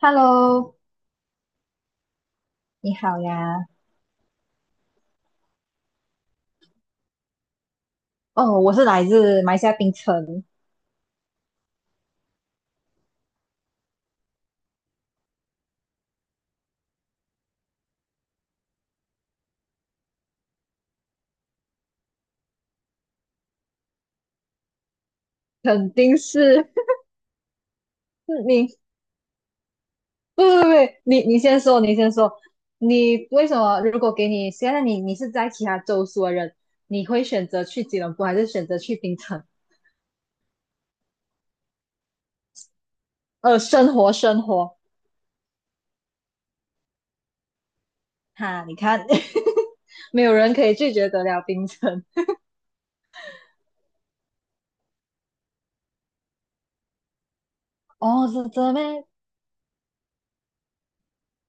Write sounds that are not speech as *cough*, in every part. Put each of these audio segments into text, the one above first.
Hello，你好呀。哦，我是来自马来西亚槟城，肯定是 *laughs* 你。不，你先说，你先说。你为什么？如果给你现在你是在其他州属的人，你会选择去吉隆坡，还是选择去槟城？生活，哈，你看，*laughs* 没有人可以拒绝得了槟城。哦，是这的咩？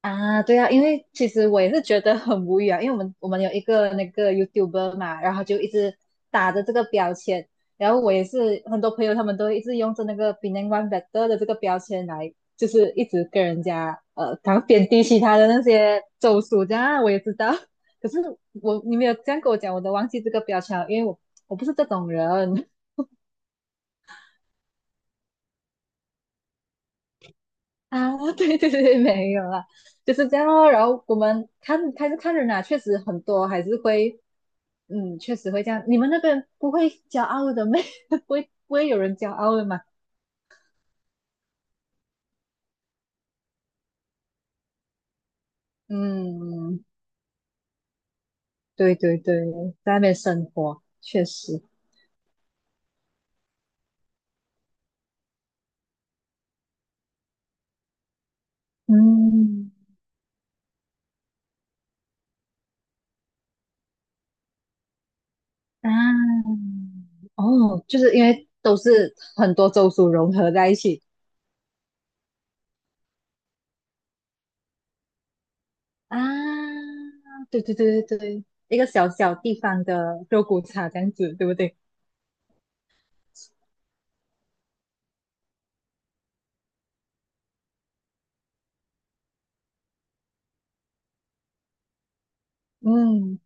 啊，对啊，因为其实我也是觉得很无语啊，因为我们有一个那个 YouTuber 嘛，然后就一直打着这个标签，然后我也是很多朋友他们都一直用着那个 b e n a n g One Better 的这个标签来，就是一直跟人家然后贬低其他的那些州属这样啊我也知道，*laughs* 可是我你没有这样跟我讲，我都忘记这个标签了，因为我不是这种人。啊，*laughs* 对对对，没有啦，就是这样哦。然后我们看开始看人啊，确实很多还是会，嗯，确实会这样。你们那边不会骄傲的没？*laughs* 不会有人骄傲的嘛？嗯，对对对，在那边生活确实，嗯啊，哦，就是因为都是很多州属融合在一起啊，对对对对对，一个小小地方的肉骨茶这样子，对不对？嗯。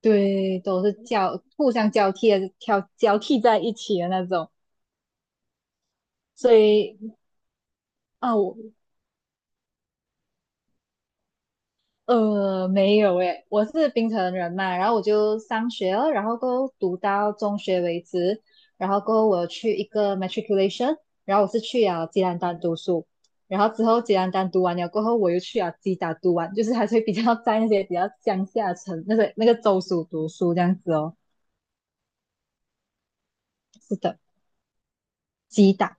对，都是交互相交替的，挑交替在一起的那种。所以啊，我没有诶，我是槟城人嘛，然后我就上学了，然后过后读到中学为止，然后过后我去一个 matriculation，然后我是去了吉兰丹读书，然后之后吉兰丹读完了过后，我又去了吉打读完，就是还是会比较 *laughs* 在那些比较乡下城那个州属读书这样子哦。是的，吉打，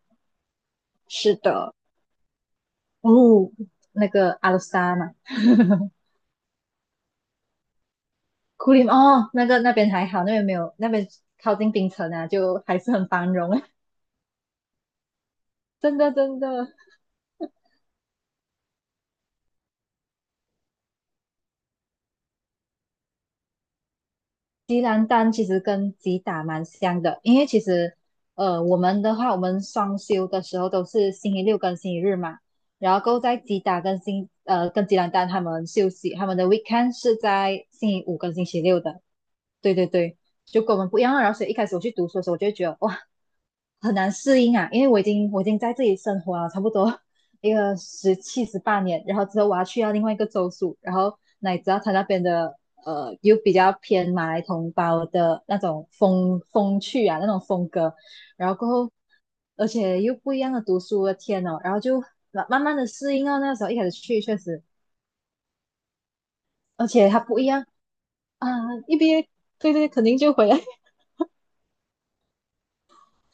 是的。哦，那个阿鲁沙嘛，*laughs* 库里哦，那个那边还好，那边没有，那边靠近冰城啊，就还是很繁荣，*laughs* 真的真的。吉兰丹其实跟吉打蛮像的，因为其实我们的话，我们双休的时候都是星期六跟星期日嘛，然后够在吉打跟吉兰丹他们休息，他们的 weekend 是在星期五跟星期六的，对对对，就跟我们不一样啊。然后所以一开始我去读书的时候，我就会觉得哇，很难适应啊，因为我已经在这里生活了差不多 *laughs* 一个十七十八年，然后之后我要去到另外一个州属，然后乃知道他那边的又比较偏马来同胞的那种风趣啊那种风格，然后过后而且又不一样的读书的天哦，然后就慢慢的适应到那时候一开始去确实，而且它不一样啊，一毕业对对肯定就回来。*laughs*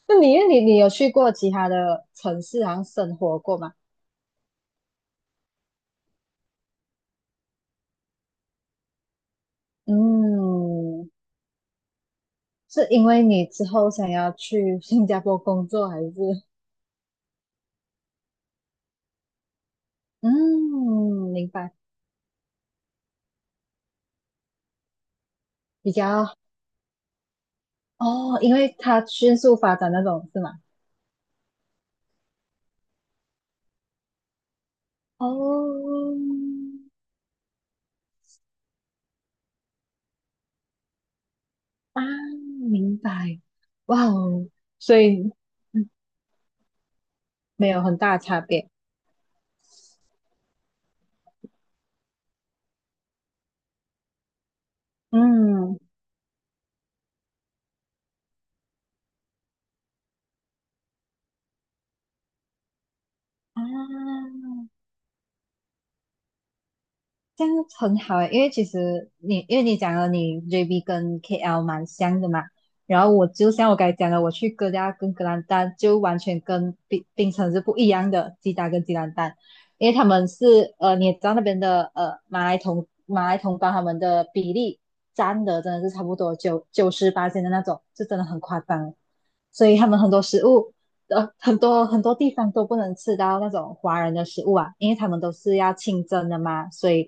那你有去过其他的城市，好像生活过吗？嗯，是因为你之后想要去新加坡工作，还是嗯，明白，比较哦，因为它迅速发展那种是吗？哦，啊，明白，哇哦，所以嗯没有很大差别，嗯啊，这样很好诶，因为其实你因为你讲了你 JB 跟 KL 蛮像的嘛，然后我就像我刚才讲的，我去哥家跟格兰丹就完全跟冰城是不一样的，吉打跟吉兰丹，因为他们是你也知道那边的马来同胞他们的比例占的真的是差不多九九十八斤的那种，就真的很夸张，所以他们很多食物很多地方都不能吃到那种华人的食物啊，因为他们都是要清蒸的嘛，所以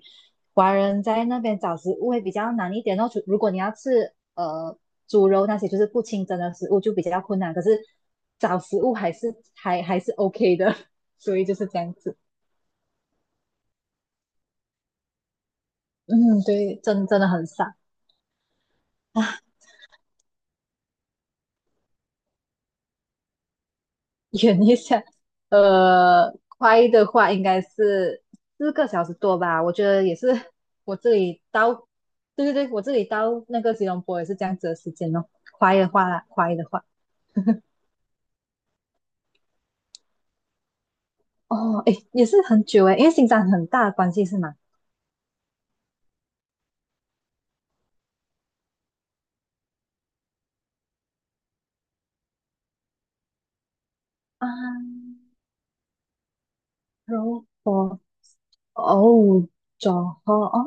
华人在那边找食物会比较难一点哦。除如果你要吃猪肉那些就是不清蒸的食物就比较困难，可是找食物还是 OK 的，*laughs* 所以就是这样子。嗯，对，真真的很少。啊。远一下，*laughs* 快的话应该是四个小时多吧。我觉得也是，我这里到，对对对，我这里到那个吉隆坡也是这样子的时间哦。快的话啦，快的话，哦，诶，也是很久诶，因为新疆很大的关系是吗？啊，柔佛，哦 j o 哦，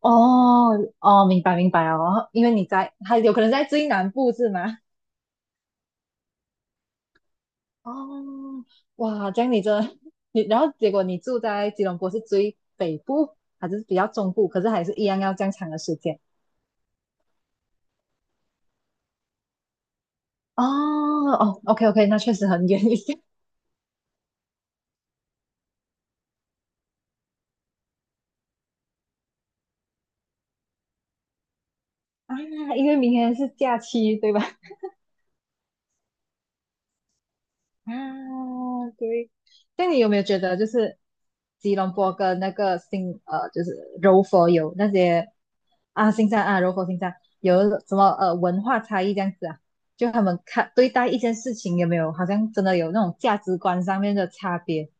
哦，哦，明白明白哦，因为你在，还有可能在最南部是吗？哦，哇，这样你真的 *laughs* 你，然后结果你住在吉隆坡是最北部，还是比较中部，可是还是一样要这样长的时间。哦哦，OK OK，那确实很远一些 *laughs* 啊，因为明天是假期，对吧？啊，对。那你有没有觉得，就是吉隆坡跟那个，就是柔佛有那些啊，新山啊，柔佛新山有什么文化差异这样子啊？就他们看对待一件事情有没有，好像真的有那种价值观上面的差别？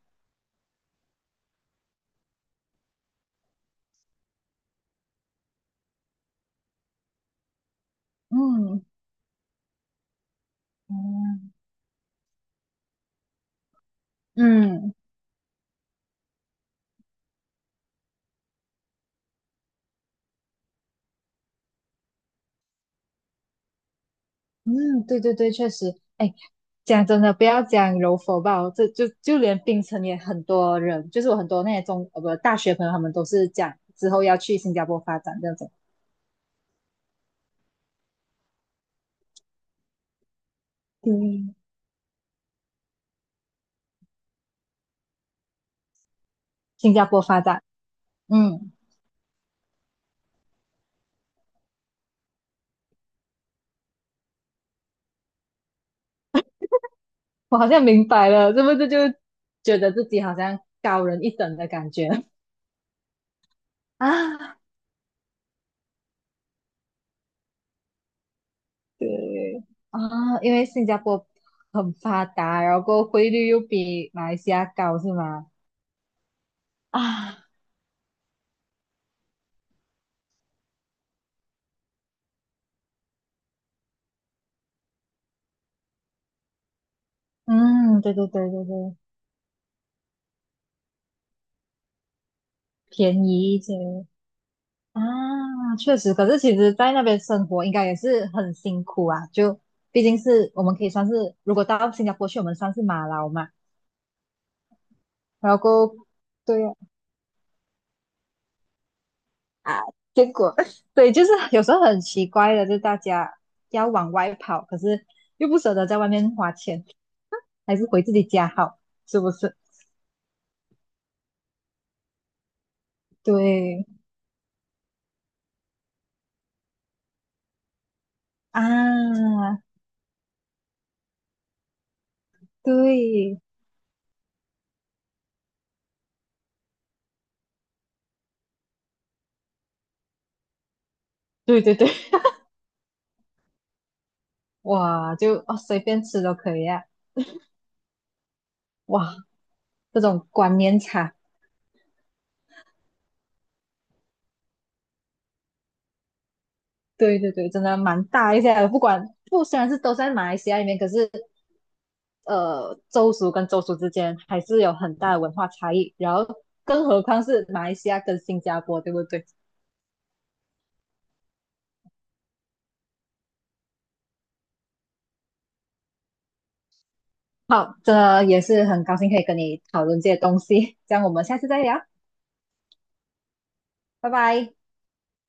嗯嗯嗯。嗯，对对对，确实，哎，讲真的，不要讲柔佛吧，这就就连槟城也很多人，就是我很多那些中呃不大学朋友，他们都是讲之后要去新加坡发展这种，对，新加坡发展，嗯，我好像明白了，是不是就觉得自己好像高人一等的感觉 *laughs* 啊对，啊，因为新加坡很发达，然后汇率又比马来西亚高，是吗？啊，嗯，对对对对对，便宜一些。啊，确实，可是其实，在那边生活应该也是很辛苦啊。就毕竟是我们可以算是，如果到新加坡去，我们算是马劳嘛。然后过后，对呀啊，啊结果 *laughs* 对，就是 *laughs* 有时候很奇怪的，就大家要往外跑，可是又不舍得在外面花钱，还是回自己家好，是不是？对啊，对对对对，*laughs* 哇，就哦随便吃都可以啊，哇，这种观念差。对对对，真的蛮大一些。的。不管不虽然是都在马来西亚里面，可是州属跟州属之间还是有很大的文化差异。然后，更何况是马来西亚跟新加坡，对不对？好，这也是很高兴可以跟你讨论这些东西。这样我们下次再聊，拜拜。